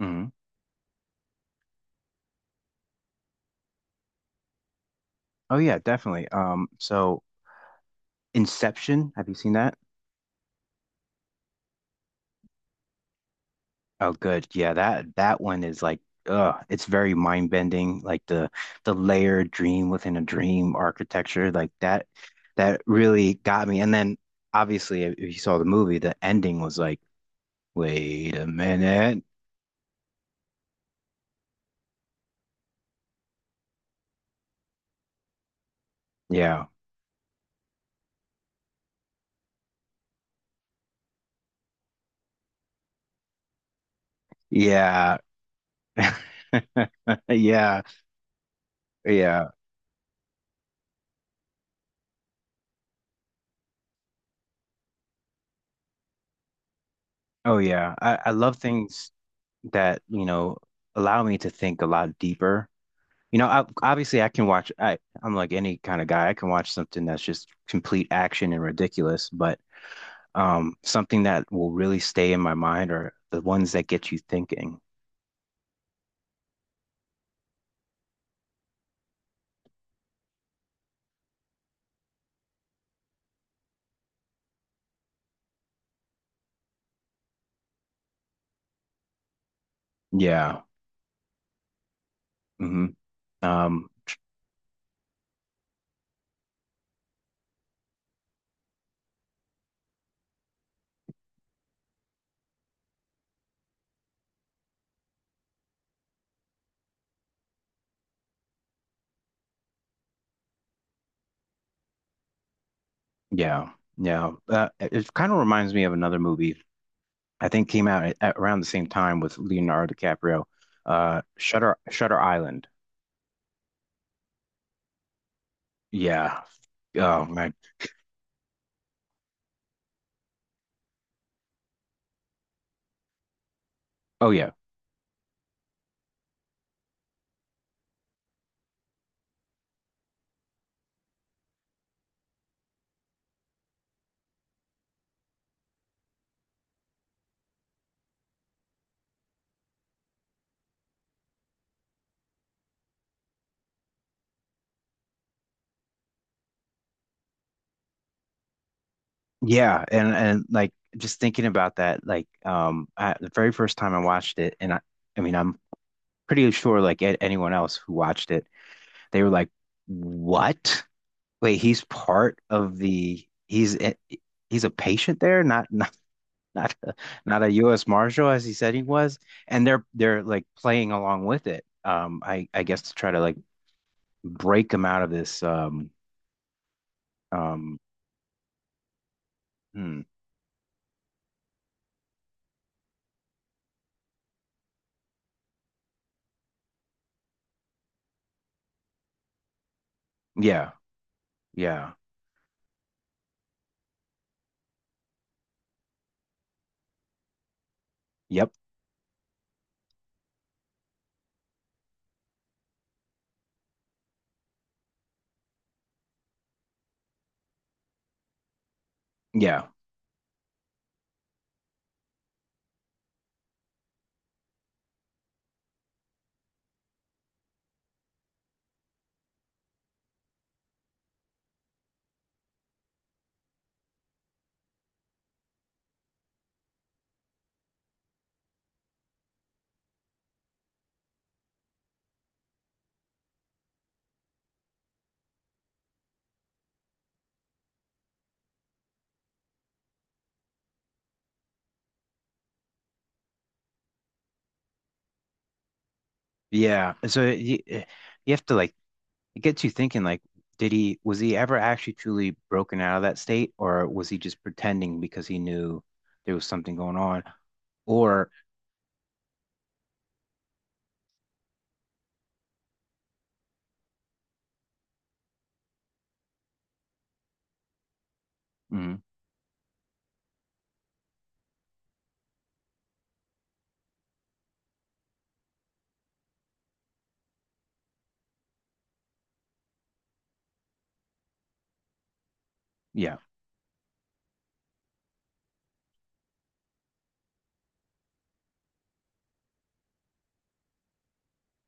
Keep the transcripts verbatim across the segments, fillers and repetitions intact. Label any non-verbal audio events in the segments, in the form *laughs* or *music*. Hmm. Oh yeah, definitely. Um, so Inception, have you seen that? Oh, good. Yeah, that that one is like, uh, it's very mind bending. Like the the layered dream within a dream architecture, like that that really got me. And then obviously, if you saw the movie, the ending was like, wait a minute. Yeah, yeah, *laughs* yeah, yeah. Oh yeah, I I love things that you know allow me to think a lot deeper. You know, I, obviously I can watch I I'm like any kind of guy. I can watch something that's just complete action and ridiculous, but um something that will really stay in my mind are the ones that get you thinking. Yeah. Hmm. Um yeah. Yeah. Uh, it it kind of reminds me of another movie I think came out at, at around the same time with Leonardo DiCaprio. Uh Shutter Shutter Island. Yeah. Oh my. Oh yeah. Yeah, and and like just thinking about that, like um, I, the very first time I watched it, and I, I mean, I'm pretty sure like a- anyone else who watched it, they were like, "What? Wait, he's part of the he's a- he's a patient there, not *laughs* not not a, not a U S. Marshal as he said he was," and they're they're like playing along with it. Um, I I guess to try to like break him out of this. Um, um, hmm. Yeah, yeah, yep, yeah. Yeah. So you, you have to like it gets you thinking like did he was he ever actually truly broken out of that state or was he just pretending because he knew there was something going on or mm, yeah.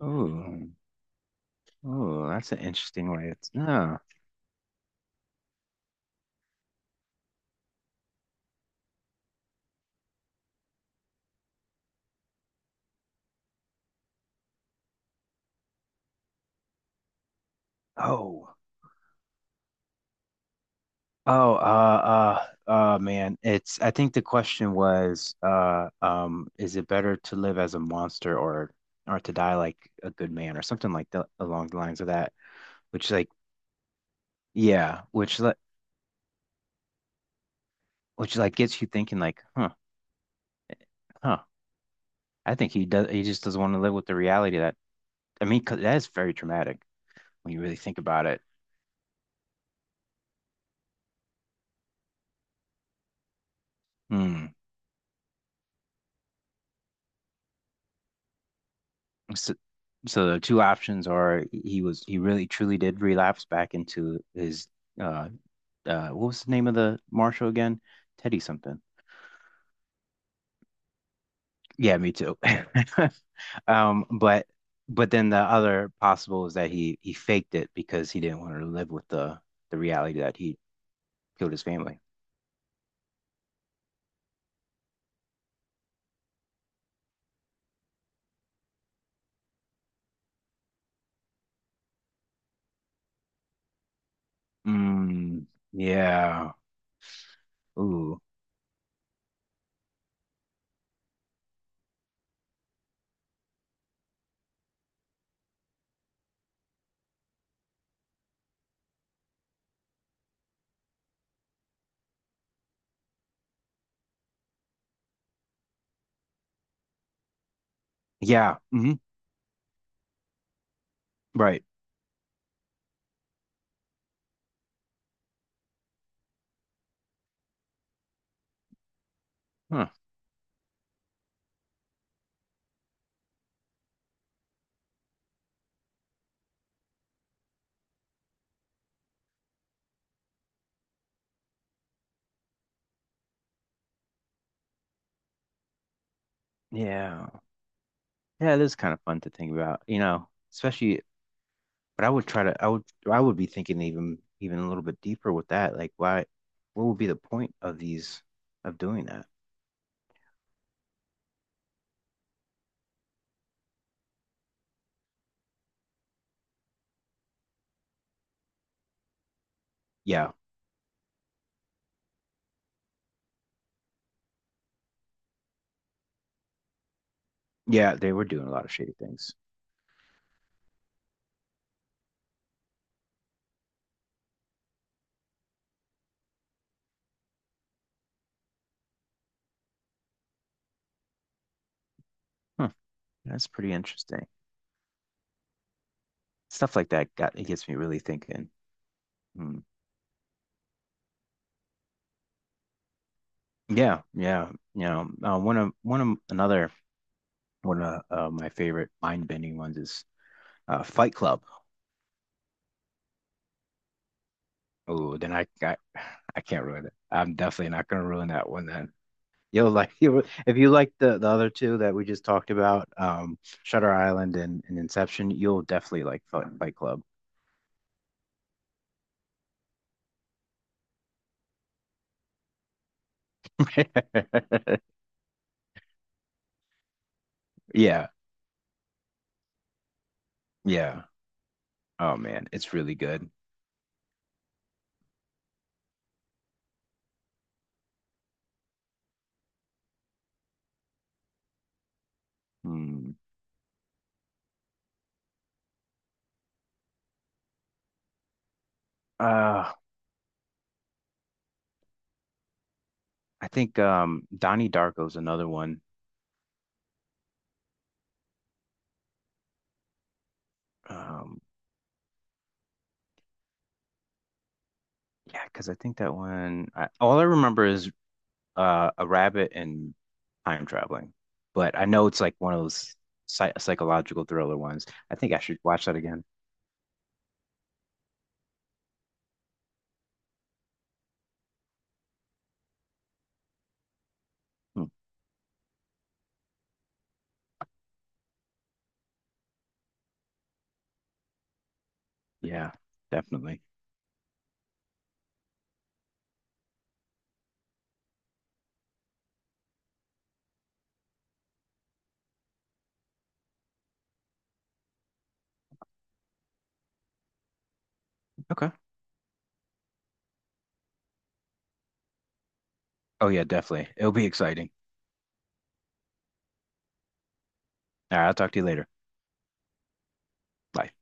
Oh. Oh, that's an interesting way. It's no. Oh. Oh, uh uh uh man, it's I think the question was uh um is it better to live as a monster or or to die like a good man or something like that along the lines of that, which like yeah, which le- which like gets you thinking like, huh, huh. I think he does. He just doesn't want to live with the reality that I mean, 'cause that is very traumatic when you really think about it. Hmm. So, so the two options are he was he really truly did relapse back into his uh uh what was the name of the marshal again? Teddy something. Yeah, me too. *laughs* Um, but but then the other possible is that he he faked it because he didn't want to live with the the reality that he killed his family. Mm, yeah. Ooh. Yeah. Hmm. Right. Huh. Yeah. Yeah, it is kind of fun to think about, you know, especially, but I would try to, I would, I would be thinking even, even a little bit deeper with that. Like, why, what would be the point of these, of doing that? Yeah. Yeah. They were doing a lot of shady things. Huh. That's pretty interesting. Stuff like that got, it gets me really thinking. Hmm. Yeah. Yeah. You know, uh, one of, one of another, one of uh, my favorite mind-bending ones is uh, Fight Club. Oh, then I, I I can't ruin it. I'm definitely not gonna ruin that one then. You'll like *laughs* you if you like the, the other two that we just talked about, um, Shutter Island and, and Inception, you'll definitely like Fight, Fight Club. *laughs* Yeah, yeah. Oh man, it's really good. Hmm. Uh, I think um Donnie Darko's another one. Um, yeah, because I think that one I, all I remember is uh, a rabbit and time traveling, but I know it's like one of those psy- psychological thriller ones. I think I should watch that again. Hmm. Yeah, definitely. Okay. Oh yeah, definitely. It'll be exciting. All right, I'll talk to you later. Bye.